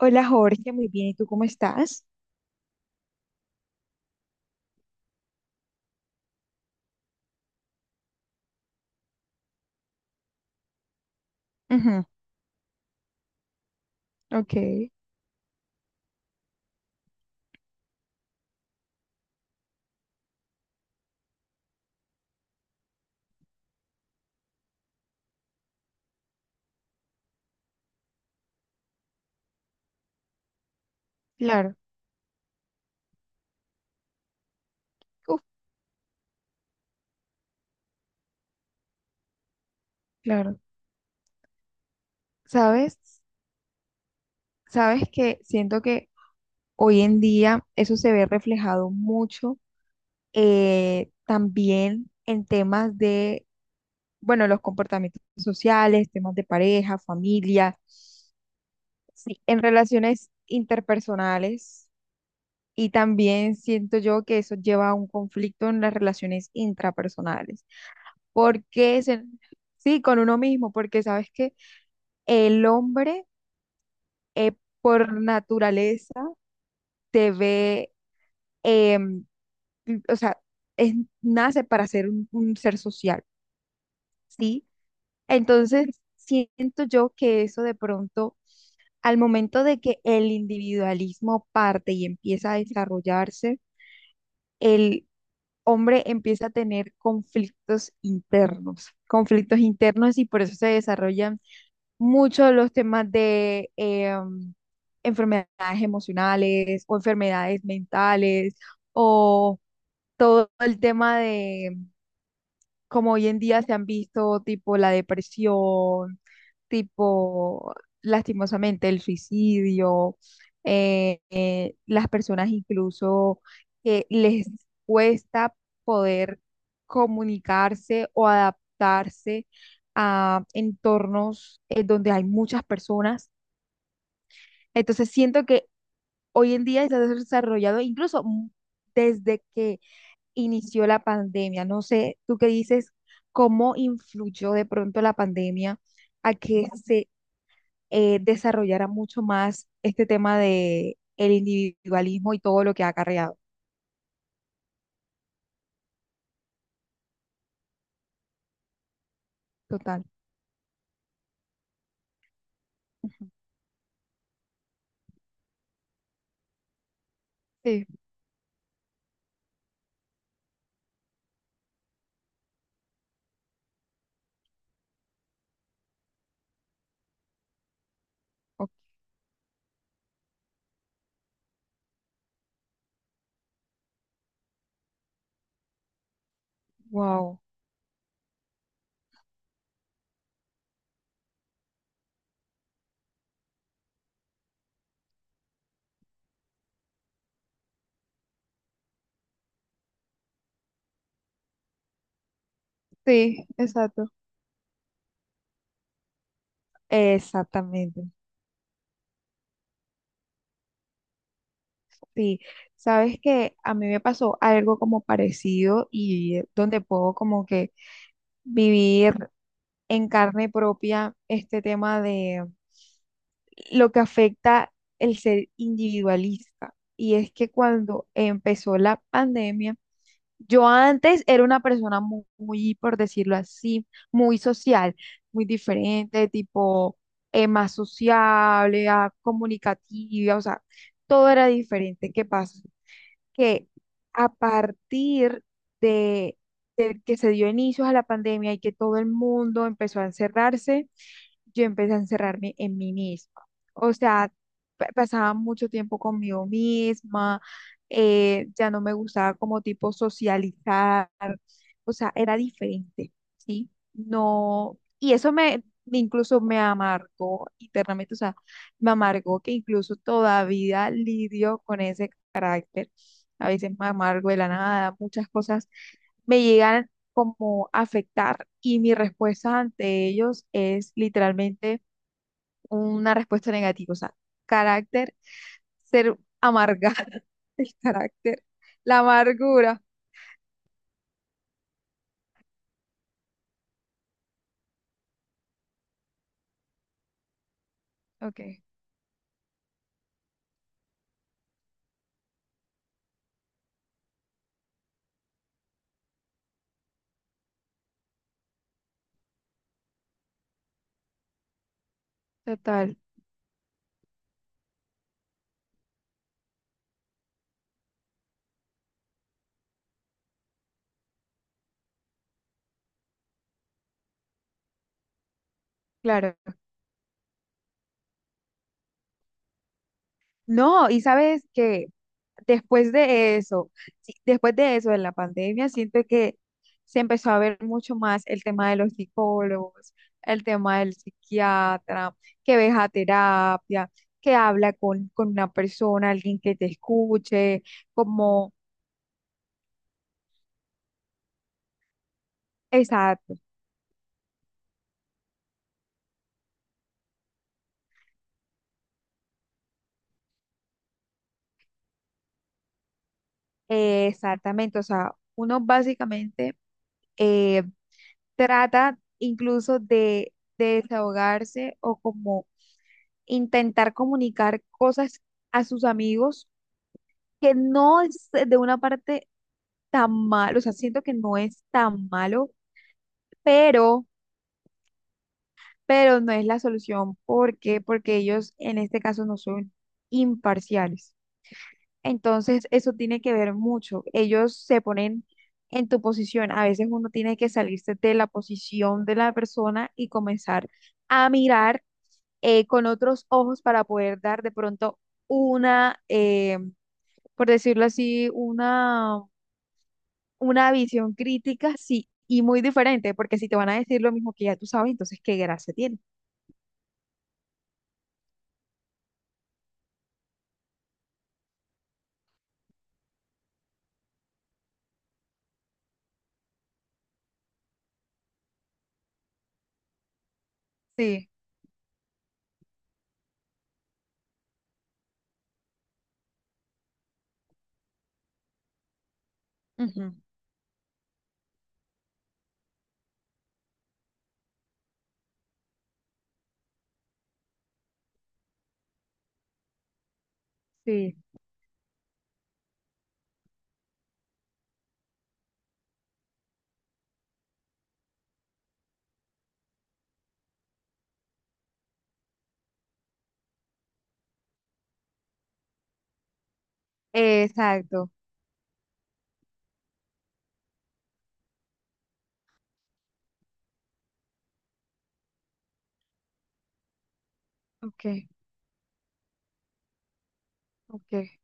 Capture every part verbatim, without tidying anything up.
Hola Jorge, muy bien. ¿Y tú cómo estás? Ujú. Ok. Claro. Uf. Claro. Sabes, sabes que siento que hoy en día eso se ve reflejado mucho eh, también en temas de, bueno, los comportamientos sociales, temas de pareja, familia, sí, en relaciones interpersonales, y también siento yo que eso lleva a un conflicto en las relaciones intrapersonales, porque se- sí, con uno mismo, porque sabes que el hombre, eh, por naturaleza, debe, em, o sea, es- nace para ser un, un ser social, ¿sí? Entonces, siento yo que eso, de pronto, al momento de que el individualismo parte y empieza a desarrollarse, el hombre empieza a tener conflictos internos, conflictos internos y por eso se desarrollan mucho los temas de eh, enfermedades emocionales o enfermedades mentales, o todo el tema de como hoy en día se han visto, tipo la depresión, tipo lastimosamente el suicidio. Eh, eh, las personas incluso que les cuesta poder comunicarse o adaptarse a entornos eh, donde hay muchas personas. Entonces siento que hoy en día se ha desarrollado incluso, mm, desde que inició la pandemia. No sé, tú qué dices, cómo influyó de pronto la pandemia a que se eh, desarrollara mucho más este tema de el individualismo y todo lo que ha acarreado. Total. Ujú. Sí. Ok. Wow. Sí, exacto. Exactamente. Sí, sabes que a mí me pasó algo como parecido, y eh, donde puedo como que vivir en carne propia este tema de lo que afecta el ser individualista. Y es que cuando empezó la pandemia, yo antes era una persona mu- muy, por decirlo así, muy social, muy diferente, tipo eh, más sociable, ah, comunicativa, o sea, todo era diferente. ¿Qué pasa? Que a partir de, de que se dio inicio a la pandemia y que todo el mundo empezó a encerrarse, yo empecé a encerrarme en mí misma. O sea, pa- pasaba mucho tiempo conmigo misma, eh, ya no me gustaba como tipo socializar, o sea, era diferente, ¿sí? No, y eso me, incluso me amargó internamente, o sea, me amargó, que incluso todavía lidio con ese carácter, a veces me amargo de la nada, muchas cosas me llegan como a afectar y mi respuesta ante ellos es literalmente una respuesta negativa, o sea, carácter, ser amargada, el carácter, la amargura. Ok. Total. Claro. No, y sabes que después de eso, sí, después de eso, de la pandemia, siento que se empezó a ver mucho más el tema de los psicólogos, el tema del psiquiatra, que ves a terapia, que habla con, con una persona, alguien que te escuche, como, exacto. Eh, exactamente, o sea, uno básicamente eh, trata incluso de, de desahogarse o como intentar comunicar cosas a sus amigos, que no es de una parte tan malo, o sea, siento que no es tan malo, pero, pero no es la solución. ¿Por qué? Porque ellos en este caso no son imparciales. Entonces, eso tiene que ver mucho. Ellos se ponen en tu posición. A veces uno tiene que salirse de la posición de la persona y comenzar a mirar eh, con otros ojos para poder dar de pronto una, eh, por decirlo así, una una visión crítica, sí, y muy diferente, porque si te van a decir lo mismo que ya tú sabes, entonces qué gracia tiene. Sí. Ujú. Sí. Exacto. Ok, ok.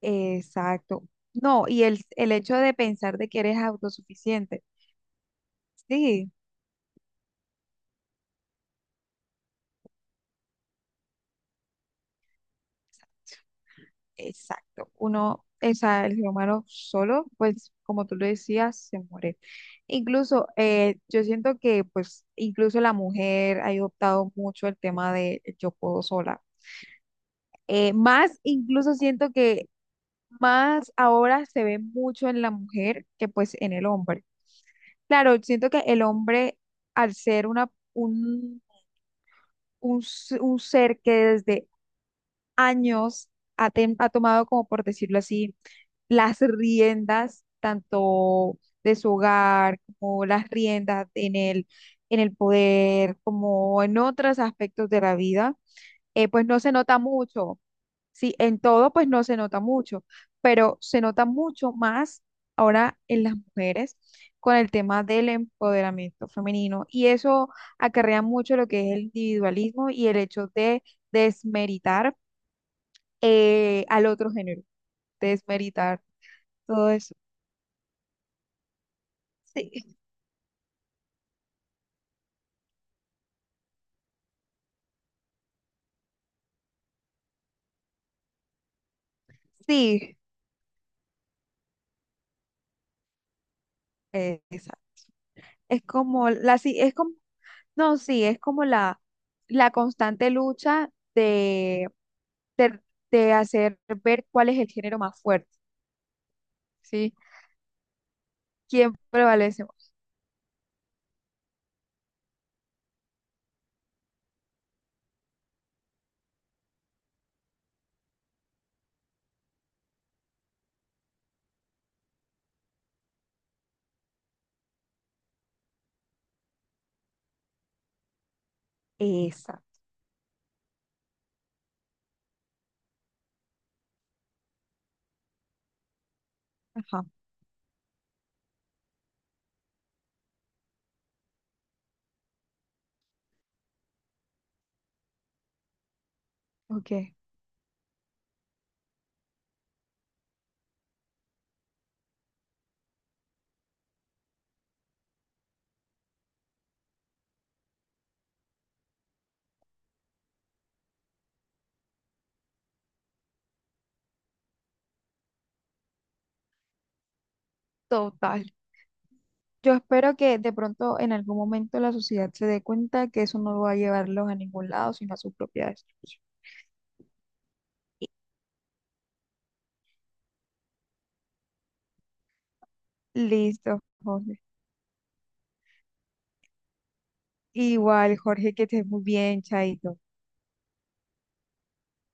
Exacto. No, y el, el hecho de pensar de que eres autosuficiente. Sí. Exacto. Uno, esa el ser humano solo, pues como tú lo decías, se muere. Incluso, eh, yo siento que pues incluso la mujer ha adoptado mucho el tema de yo puedo sola. Eh, más, incluso siento que más ahora se ve mucho en la mujer que pues en el hombre. Claro, siento que el hombre, al ser una, un, un, s- un ser que desde años ha, ten- ha tomado, como por decirlo así, las riendas tanto de su hogar como las riendas en el, en el poder, como en otros aspectos de la vida, eh, pues no se nota mucho. Sí, en todo pues no se nota mucho, pero se nota mucho más ahora en las mujeres con el tema del empoderamiento femenino, y eso acarrea mucho lo que es el individualismo y el hecho de desmeritar eh, al otro género, desmeritar todo eso. Sí. Sí, eh, esa. Es como la, sí, es como, no, sí, es como la, la constante lucha de, de, de hacer ver cuál es el género más fuerte, ¿sí? ¿Quién prevalece más? Esa. Ajá. Ok. Total. Yo espero que de pronto en algún momento la sociedad se dé cuenta que eso no va a llevarlos a ningún lado, sino a su propia destrucción. Listo, Jorge. Igual, Jorge, que estés muy bien, Chaito.